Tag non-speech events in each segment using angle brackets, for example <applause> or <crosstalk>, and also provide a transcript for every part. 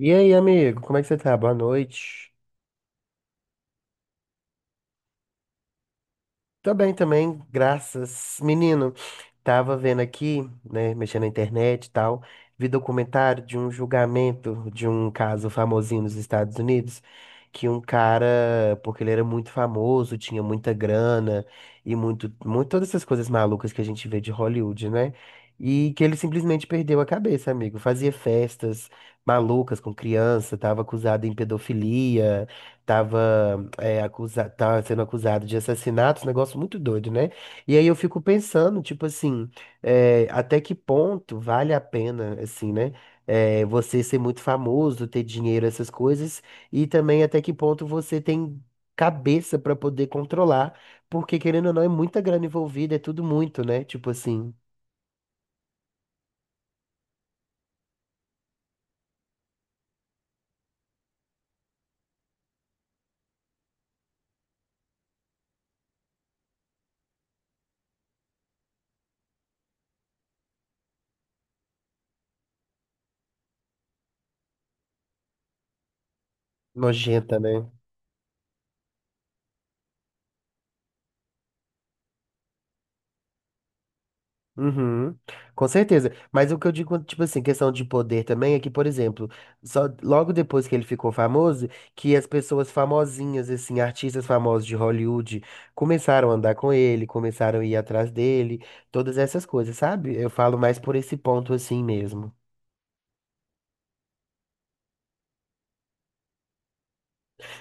E aí, amigo, como é que você tá? Boa noite. Tô bem também, graças. Menino, tava vendo aqui, né, mexendo na internet e tal, vi documentário de um julgamento de um caso famosinho nos Estados Unidos, que um cara, porque ele era muito famoso, tinha muita grana e muito, muito todas essas coisas malucas que a gente vê de Hollywood, né? E que ele simplesmente perdeu a cabeça, amigo. Fazia festas malucas com criança, tava acusado em pedofilia. Tava, tava sendo acusado de assassinato, um negócio muito doido, né? E aí eu fico pensando, tipo assim, até que ponto vale a pena, assim, né? É, você ser muito famoso, ter dinheiro, essas coisas, e também até que ponto você tem cabeça pra poder controlar, porque querendo ou não, é muita grana envolvida, é tudo muito, né? Tipo assim, nojenta, né? Uhum, com certeza. Mas o que eu digo, tipo assim, questão de poder também é que, por exemplo, só logo depois que ele ficou famoso, que as pessoas famosinhas, assim, artistas famosos de Hollywood, começaram a andar com ele, começaram a ir atrás dele, todas essas coisas, sabe? Eu falo mais por esse ponto assim mesmo.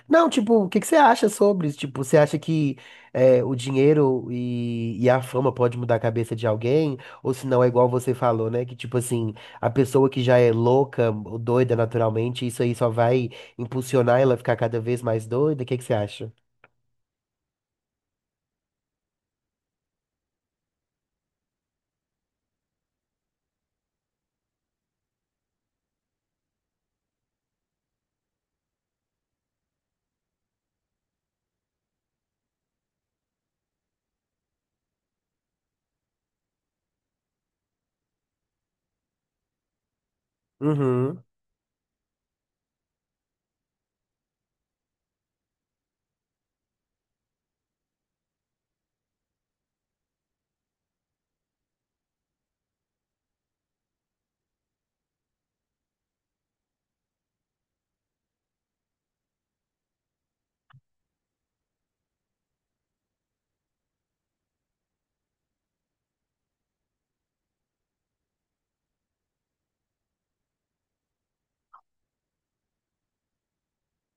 Não, tipo, o que que você acha sobre isso? Tipo, você acha que o dinheiro e a fama pode mudar a cabeça de alguém? Ou se não, é igual você falou, né? Que, tipo assim, a pessoa que já é louca ou doida naturalmente, isso aí só vai impulsionar ela a ficar cada vez mais doida? O que que você acha? Uhum,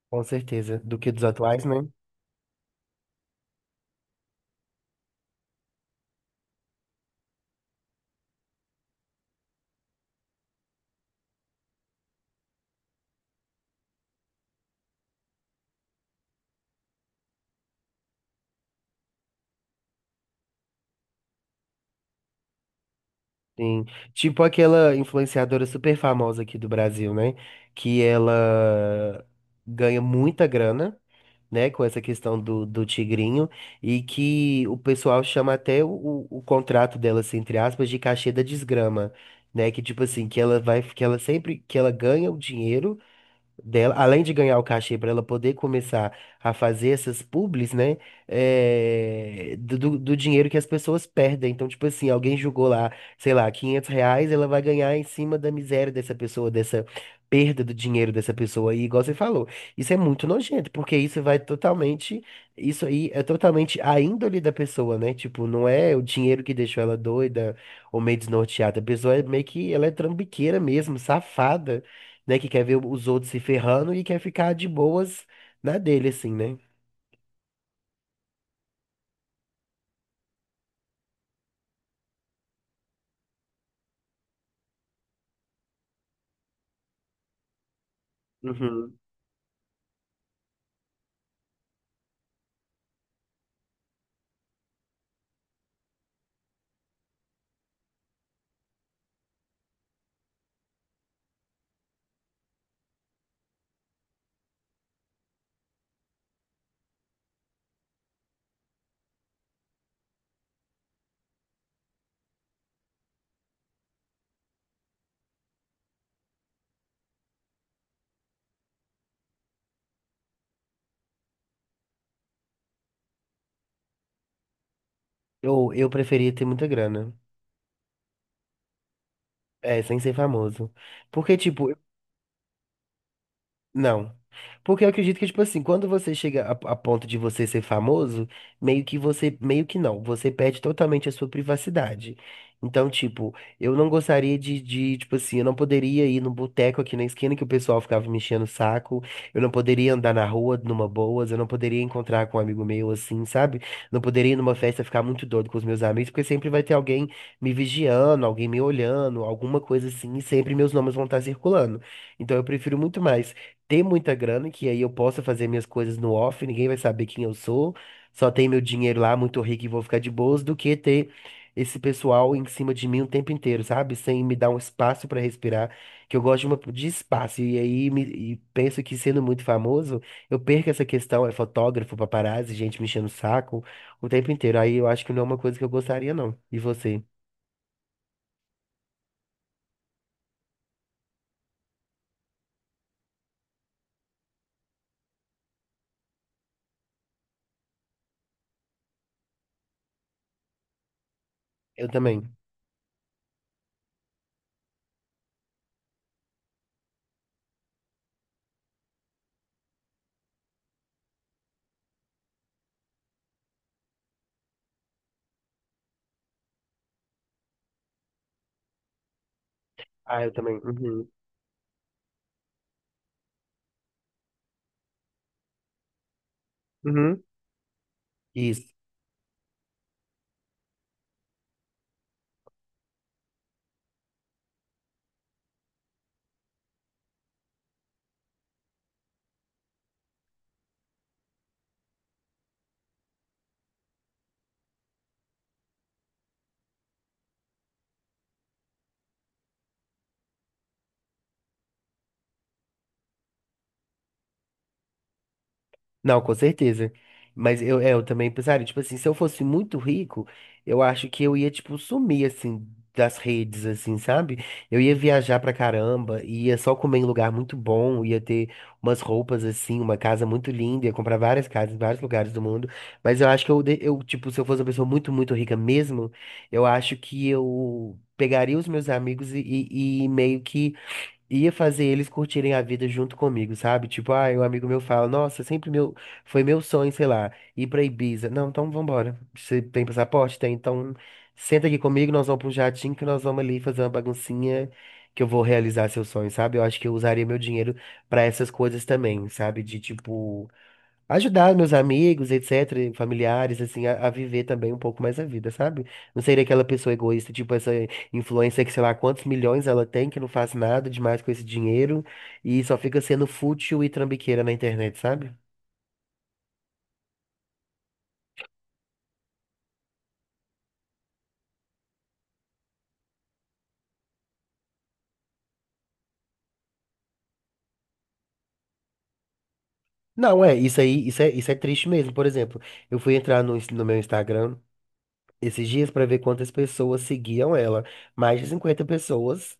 com certeza. Do que dos atuais, né? Sim. Tipo aquela influenciadora super famosa aqui do Brasil, né? Que ela ganha muita grana. Né, com essa questão do tigrinho, e que o pessoal chama até o contrato dela, assim, entre aspas, de cachê da desgrama, né, que tipo assim, que ela vai, que ela sempre, que ela ganha o dinheiro dela, além de ganhar o cachê para ela poder começar a fazer essas publis, né? Do dinheiro que as pessoas perdem. Então, tipo assim, alguém jogou lá, sei lá, 500 reais, ela vai ganhar em cima da miséria dessa pessoa, dessa perda do dinheiro dessa pessoa. E igual você falou, isso é muito nojento, porque isso aí é totalmente a índole da pessoa, né? Tipo, não é o dinheiro que deixou ela doida ou meio desnorteada. A pessoa é meio que, ela é trambiqueira mesmo, safada, né? Que quer ver os outros se ferrando e quer ficar de boas na dele, assim, né? Uhum. Eu preferia ter muita grana. É, sem ser famoso. Porque, tipo, não. Porque eu acredito que, tipo assim, quando você chega a ponto de você ser famoso, meio que você, meio que não, você perde totalmente a sua privacidade. Então, tipo, eu não gostaria tipo assim, eu não poderia ir no boteco aqui na esquina que o pessoal ficava me enchendo o saco, eu não poderia andar na rua numa boas, eu não poderia encontrar com um amigo meu assim, sabe? Não poderia ir numa festa ficar muito doido com os meus amigos, porque sempre vai ter alguém me vigiando, alguém me olhando, alguma coisa assim, e sempre meus nomes vão estar circulando. Então eu prefiro muito mais ter muita grana, que aí eu possa fazer minhas coisas no off, ninguém vai saber quem eu sou, só tem meu dinheiro lá, muito rico e vou ficar de boas, do que ter esse pessoal em cima de mim o tempo inteiro, sabe? Sem me dar um espaço pra respirar, que eu gosto de espaço. E aí penso que sendo muito famoso, eu perco essa questão, é fotógrafo, paparazzi, gente me enchendo o saco o tempo inteiro. Aí eu acho que não é uma coisa que eu gostaria, não. E você? Eu também. Ah, eu também. Uhum. Uhum. Isso. Não, com certeza. Mas eu, é, eu também pensaria, tipo assim, se eu fosse muito rico, eu acho que eu ia, tipo, sumir, assim, das redes, assim, sabe? Eu ia viajar pra caramba, ia só comer em lugar muito bom, ia ter umas roupas, assim, uma casa muito linda, ia comprar várias casas em vários lugares do mundo. Mas eu acho que eu, de- eu, tipo, se eu fosse uma pessoa muito, muito rica mesmo, eu acho que eu pegaria os meus amigos e meio que ia fazer eles curtirem a vida junto comigo, sabe? Tipo, ah, um amigo meu fala, nossa, sempre meu, foi meu sonho, sei lá, ir pra Ibiza. Não, então vambora. Você tem passaporte? Tem, então senta aqui comigo, nós vamos pra um jatinho que nós vamos ali fazer uma baguncinha que eu vou realizar seu sonho, sabe? Eu acho que eu usaria meu dinheiro pra essas coisas também, sabe? De tipo ajudar meus amigos, etc., familiares, assim, a viver também um pouco mais a vida, sabe? Não ser aquela pessoa egoísta, tipo essa influencer que sei lá quantos milhões ela tem, que não faz nada demais com esse dinheiro e só fica sendo fútil e trambiqueira na internet, sabe? Não, é, isso aí, isso é triste mesmo. Por exemplo, eu fui entrar no, ins- no meu Instagram esses dias pra ver quantas pessoas seguiam ela. Mais de 50 pessoas,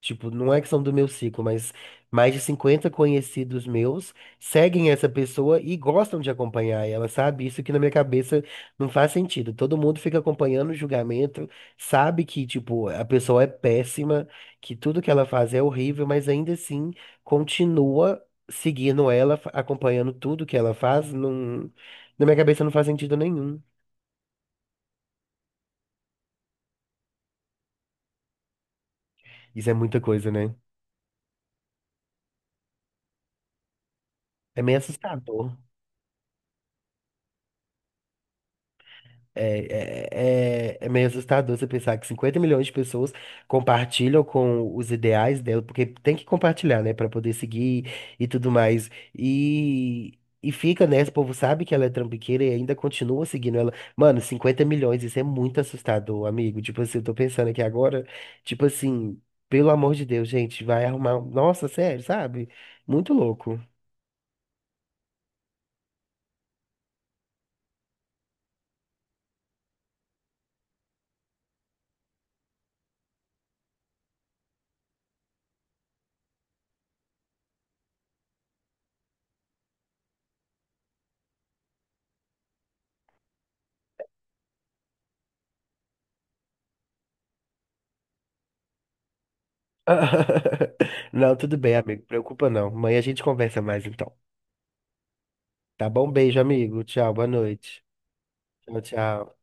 tipo, não é que são do meu ciclo, mas mais de 50 conhecidos meus seguem essa pessoa e gostam de acompanhar ela, sabe? Isso que na minha cabeça não faz sentido. Todo mundo fica acompanhando o julgamento, sabe que, tipo, a pessoa é péssima, que tudo que ela faz é horrível, mas ainda assim continua seguindo ela, acompanhando tudo que ela faz, não... Na minha cabeça não faz sentido nenhum. Isso é muita coisa, né? É meio assustador. É, é, é, é meio assustador você pensar que 50 milhões de pessoas compartilham com os ideais dela, porque tem que compartilhar, né, pra poder seguir e tudo mais. E, e fica nessa, o povo sabe que ela é trambiqueira e ainda continua seguindo ela. Mano, 50 milhões, isso é muito assustador, amigo. Tipo assim, eu tô pensando aqui agora, tipo assim, pelo amor de Deus, gente, vai arrumar. Nossa, sério, sabe? Muito louco. <laughs> Não, tudo bem, amigo. Preocupa não. Amanhã a gente conversa mais então. Tá bom? Beijo, amigo. Tchau, boa noite. Tchau, tchau.